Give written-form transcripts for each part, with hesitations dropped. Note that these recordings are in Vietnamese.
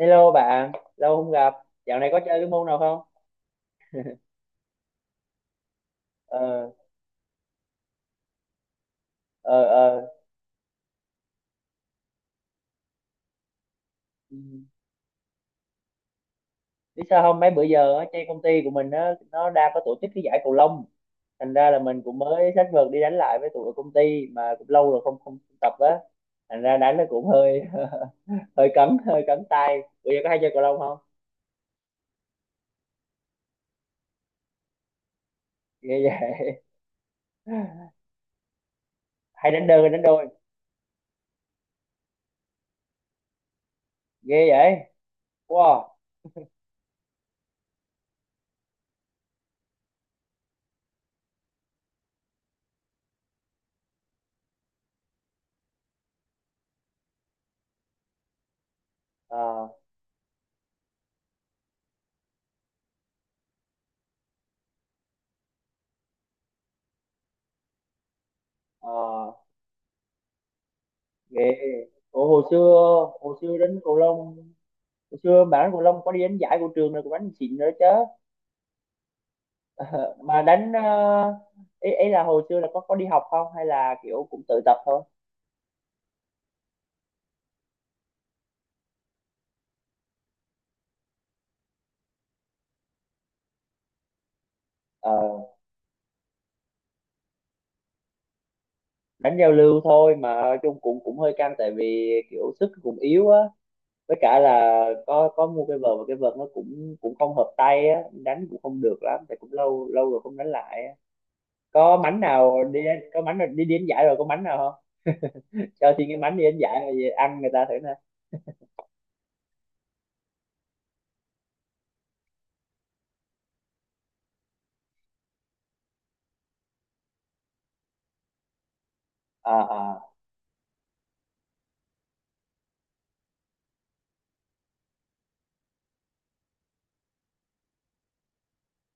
Hello bạn, lâu không gặp. Dạo này có chơi cái môn nào không? Ờ, ờ, ờ. Ừ. Biết sao không? Mấy bữa giờ á, trên công ty của mình á, nó đang có tổ chức cái giải cầu lông. Thành ra là mình cũng mới sách vợt đi đánh lại với tụi ở công ty mà cũng lâu rồi không không tập á. Thành ra đánh nó cũng hơi hơi cấn tay. Bữa giờ có hay chơi cầu lông không? Ghê vậy. Hay đánh đơn hay đánh đôi? Ghê vậy. Wow. Ờ, ờ, ghê. Ủa, hồi xưa đánh cầu lông. Hồi xưa bạn đánh cầu lông có đi đánh giải của trường rồi cũng đánh xịn nữa chứ. Ờ, mà đánh ờ, ý là hồi xưa là có đi học không hay là kiểu cũng tự tập thôi. Ờ, đánh giao lưu thôi mà nói chung cũng cũng hơi căng tại vì kiểu sức cũng yếu á, với cả là có mua cái vợt và cái vợt nó cũng cũng không hợp tay á, đánh cũng không được lắm tại cũng lâu lâu rồi không đánh lại á. Có mánh nào đi đánh giải rồi có mánh nào không? Cho xin cái mánh đi đánh giải rồi về ăn người ta thử nè. À, à,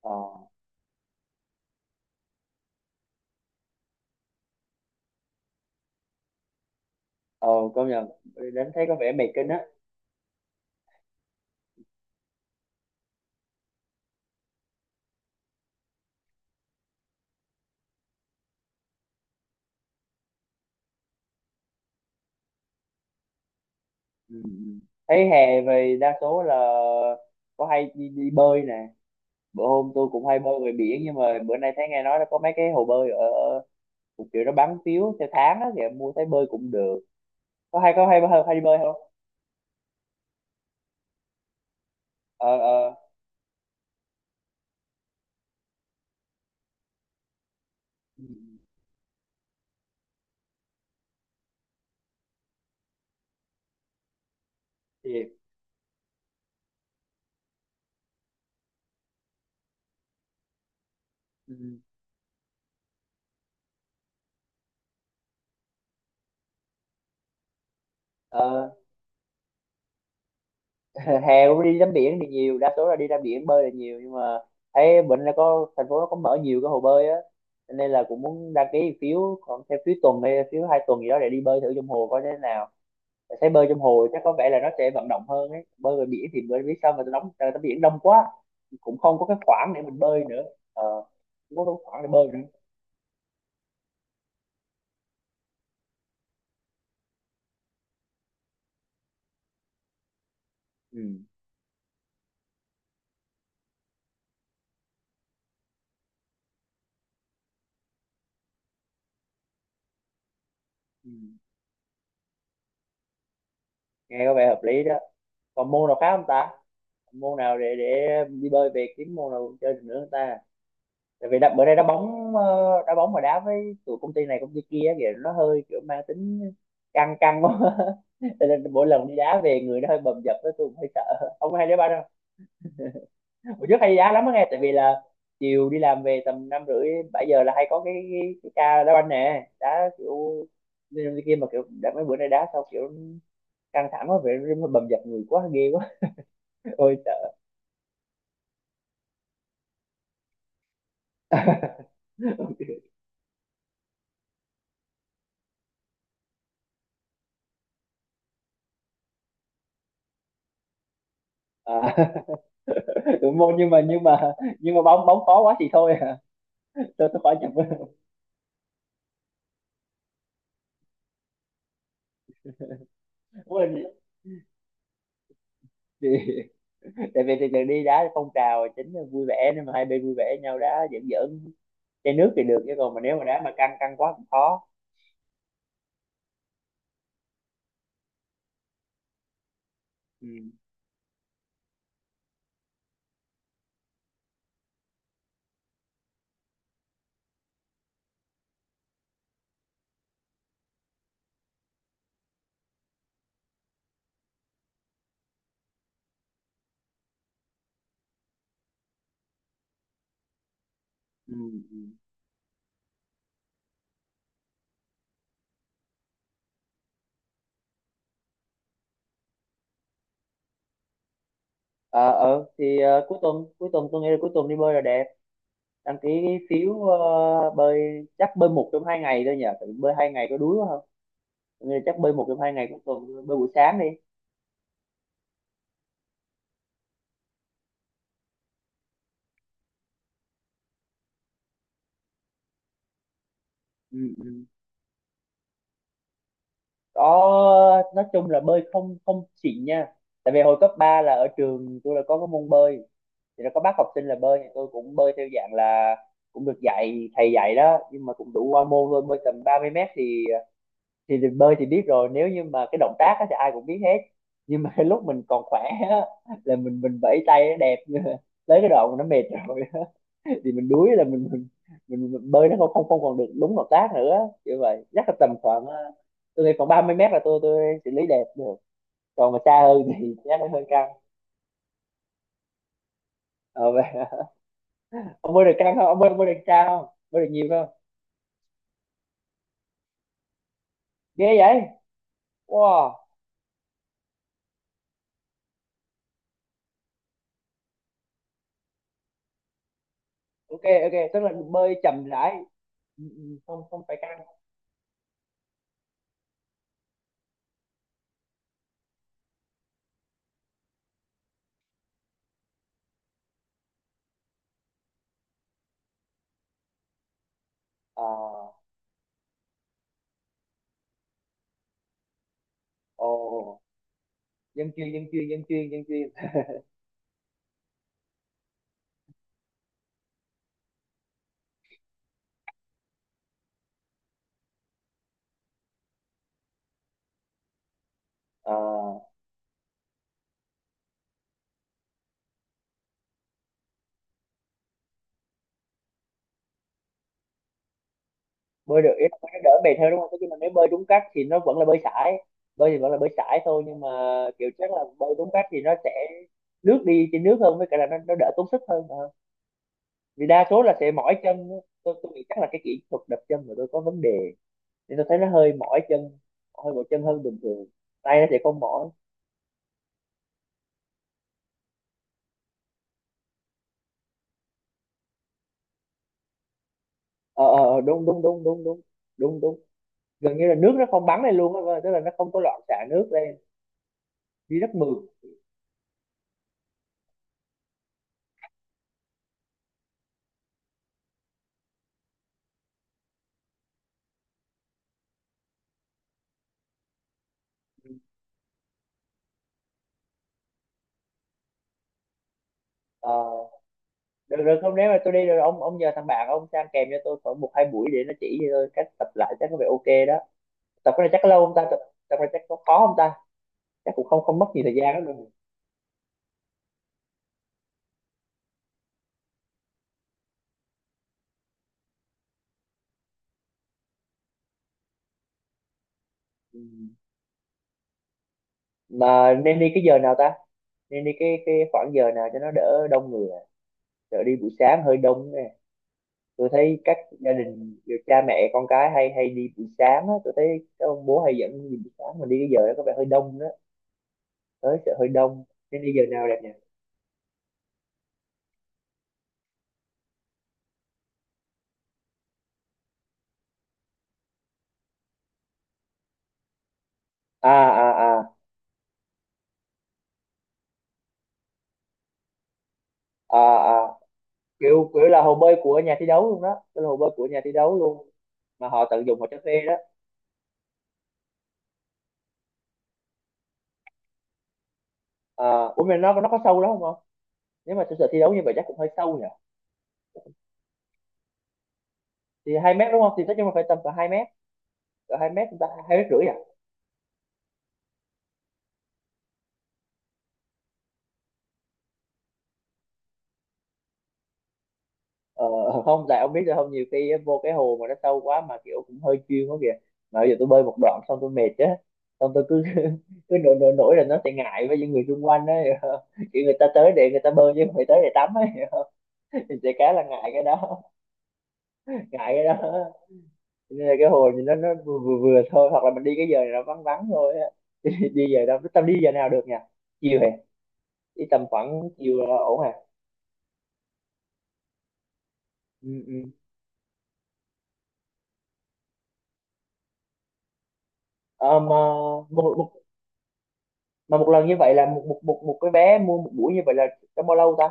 à. Ồ, công nhận, đến thấy có vẻ mệt kinh á. Ừ. Ừ. Thấy hè về đa số là có hay đi bơi nè. Bữa hôm tôi cũng hay bơi về biển nhưng mà bữa nay thấy nghe nói là có mấy cái hồ bơi ở ở- một kiểu nó bán phiếu theo tháng á thì em mua thấy bơi cũng được. Có hay có hay hay, hay đi bơi không? Ờ, ờ. Ừ. Ừ. Thì. Ừ. Ờ, hè cũng đi tắm biển thì nhiều, đa số là đi ra biển bơi là nhiều nhưng mà thấy bệnh nó có thành phố nó có mở nhiều cái hồ bơi á. Cho nên là cũng muốn đăng ký phiếu còn theo phiếu tuần hay phiếu 2 tuần gì đó để đi bơi thử trong hồ coi thế nào. Tại thấy bơi trong hồ chắc có vẻ là nó sẽ vận động hơn ấy, bơi ngoài biển thì bơi biết sao mà tao đóng tao tắm biển đông quá, cũng không có cái khoảng để mình bơi nữa. Ờ, không có cái khoảng để bơi nữa. Ừ. Ừ. Nghe có vẻ hợp lý đó. Còn môn nào khác không ta? Môn nào để đi bơi về kiếm môn nào chơi được nữa không ta? Tại vì đã, bữa nay đá bóng, đá bóng mà đá với tụi công ty này công ty kia thì nó hơi kiểu mang tính căng căng quá. Cho nên mỗi lần đi đá về người nó hơi bầm dập đó, tôi cũng hơi sợ, không có hay đá banh đâu. Hồi trước hay đi đá lắm đó nghe, tại vì là chiều đi làm về tầm 5h30 7h là hay có cái ca đá banh nè, đá kiểu đi đi kia mà kiểu đã mấy bữa nay đá sau kiểu căng thẳng quá vậy nó bầm dập người quá ghê quá. Ôi sợ. À. Tụi môn nhưng mà nhưng mà bóng bóng khó quá thì thôi à. Tôi khỏi nhập. Đúng rồi. Thì, tại vì từ từ đi đá phong trào chính là vui vẻ nên mà hai bên vui vẻ nhau đá giỡn giỡn, chai nước thì được chứ còn mà nếu mà đá mà căng căng quá cũng khó. Ừ. Ừ. Ừ. thì, cuối tuần tôi nghĩ là cuối tuần đi bơi là đẹp. Đăng ký cái phiếu bơi chắc bơi một trong 2 ngày thôi nhỉ? Tại vì bơi 2 ngày có đuối quá không? Tôi nghĩ là chắc bơi một trong hai ngày cuối tuần, bơi buổi sáng đi. Ừ. Ừ. Có nói chung là bơi không không xịn nha, tại vì hồi cấp 3 là ở trường tôi là có cái môn bơi thì nó có bắt học sinh là bơi thì tôi cũng bơi theo dạng là cũng được dạy thầy dạy đó nhưng mà cũng đủ qua môn thôi, bơi tầm 30 m. Thì bơi thì biết rồi, nếu như mà cái động tác á thì ai cũng biết hết nhưng mà cái lúc mình còn khỏe á, là mình vẫy tay nó đẹp nhưng mà tới cái đoạn mà nó mệt rồi á, thì mình đuối là mình bơi nó không không không còn được đúng động tác nữa. Như vậy chắc là tầm khoảng, tôi nghĩ khoảng 30 m là tôi xử lý đẹp được, còn mà xa hơn thì chắc là hơi căng. Ờ, vậy. Ông bơi được căng không? Ông bơi được cao không, bơi được nhiều không? Ghê vậy. Wow. Ok ok, tức là bơi chậm rãi. Ừ, ừ, không không phải căng. À. Ồ. Dân chuyên dân chuyên dân chuyên dân chuyên. À, bơi được ý là bơi nó đỡ mệt hơn đúng không? Tức là nếu bơi đúng cách thì nó vẫn là bơi sải, bơi thì vẫn là bơi sải thôi nhưng mà kiểu chắc là bơi đúng cách thì nó sẽ lướt đi trên nước hơn, với cả là nó đỡ tốn sức hơn. Ờ. Vì đa số là sẽ mỏi chân. Tôi nghĩ chắc là cái kỹ thuật đập chân của tôi có vấn đề, nên tôi thấy nó hơi mỏi chân, hơi mỏi chân hơn bình thường, tay nó sẽ không mỏi. Ờ, ờ, ờ, đúng đúng đúng đúng đúng. Đúng đúng. Gần như là nước nó không bắn lên luôn á, tức là nó không có loạn xạ nước lên. Đi rất mượt. Ờ. được được không, nếu mà tôi đi rồi ông nhờ thằng bạn ông sang kèm cho tôi khoảng một hai buổi để nó chỉ cho tôi cách tập lại chắc có vẻ ok đó. Tập cái này chắc lâu không ta? Tập, tập cái này chắc có khó không ta? Chắc cũng không không mất nhiều thời gian lắm đâu. Ừ. Mà nên đi cái giờ nào ta? Nên đi cái khoảng giờ nào cho nó đỡ đông người à? Đỡ đi buổi sáng hơi đông, tôi thấy các gia đình cha mẹ con cái hay hay đi buổi sáng á, tôi thấy các ông bố hay dẫn đi buổi sáng mà đi cái giờ đó có vẻ hơi đông đó, tới sẽ hơi đông. Nên đi giờ nào đẹp nhỉ? À, à, à, à, à. Kiểu kiểu là hồ bơi của nhà thi đấu luôn đó. Kiểu là hồ bơi của nhà thi đấu luôn mà họ tận dụng họ cho thuê đó. À, ủa mà nó có sâu lắm không không? Nếu mà thực sự thi đấu như vậy chắc cũng hơi sâu nhỉ? Thì 2 m đúng không, thì nói chung là phải tầm cỡ 2 m, cỡ 2 m chúng ta 2,5 m à. Ờ, không tại ông biết rồi không, nhiều khi á, vô cái hồ mà nó sâu quá mà kiểu cũng hơi chuyên quá kìa, mà bây giờ tôi bơi một đoạn xong tôi mệt á, xong tôi cứ cứ nổi nổi nổi là nó sẽ ngại với những người xung quanh á, hiểu không? Kiểu người ta tới để người ta bơi chứ không phải tới để tắm á, hiểu không? Thì trẻ cá là ngại cái đó. Ngại cái đó. Cho nên là cái hồ thì nó vừa vừa, vừa thôi hoặc là mình đi cái giờ này nó vắng vắng thôi á. Đi, giờ đâu tao đi giờ nào được nhỉ? Chiều hả? Đi tầm khoảng chiều là ổn hả? Ừ, ừ. Ờ, mà một một lần như vậy là một một một một cái vé mua một buổi như vậy là trong bao lâu ta,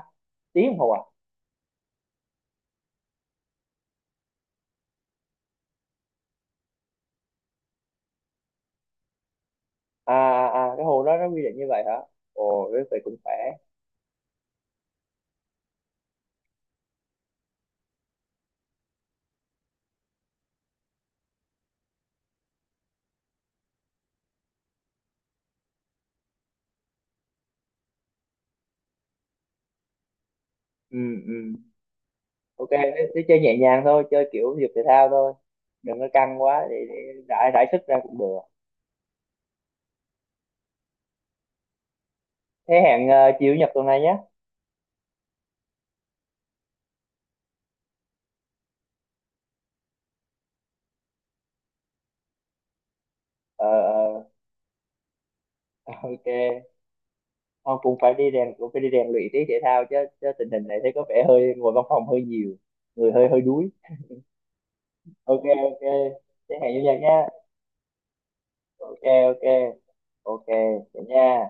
tiếng đồng hồ à? À, à, à, cái hồ đó nó quy định như vậy hả? Ồ thế vậy cũng khỏe. Ừ. Ừ. Ok thế, chơi nhẹ nhàng thôi, chơi kiểu thể dục thể thao thôi, đừng có căng quá, để rải rải sức ra cũng được. Thế hẹn chiều chủ nhật tuần này nhé. Ờ, ờ. Ok. Không cũng phải đi rèn luyện tí thể thao chứ, chứ tình hình này thấy có vẻ hơi ngồi văn phòng hơi nhiều, người hơi hơi đuối. Ok ok thế hẹn chủ nhật nhé. Ok ok ok. Vậy nha.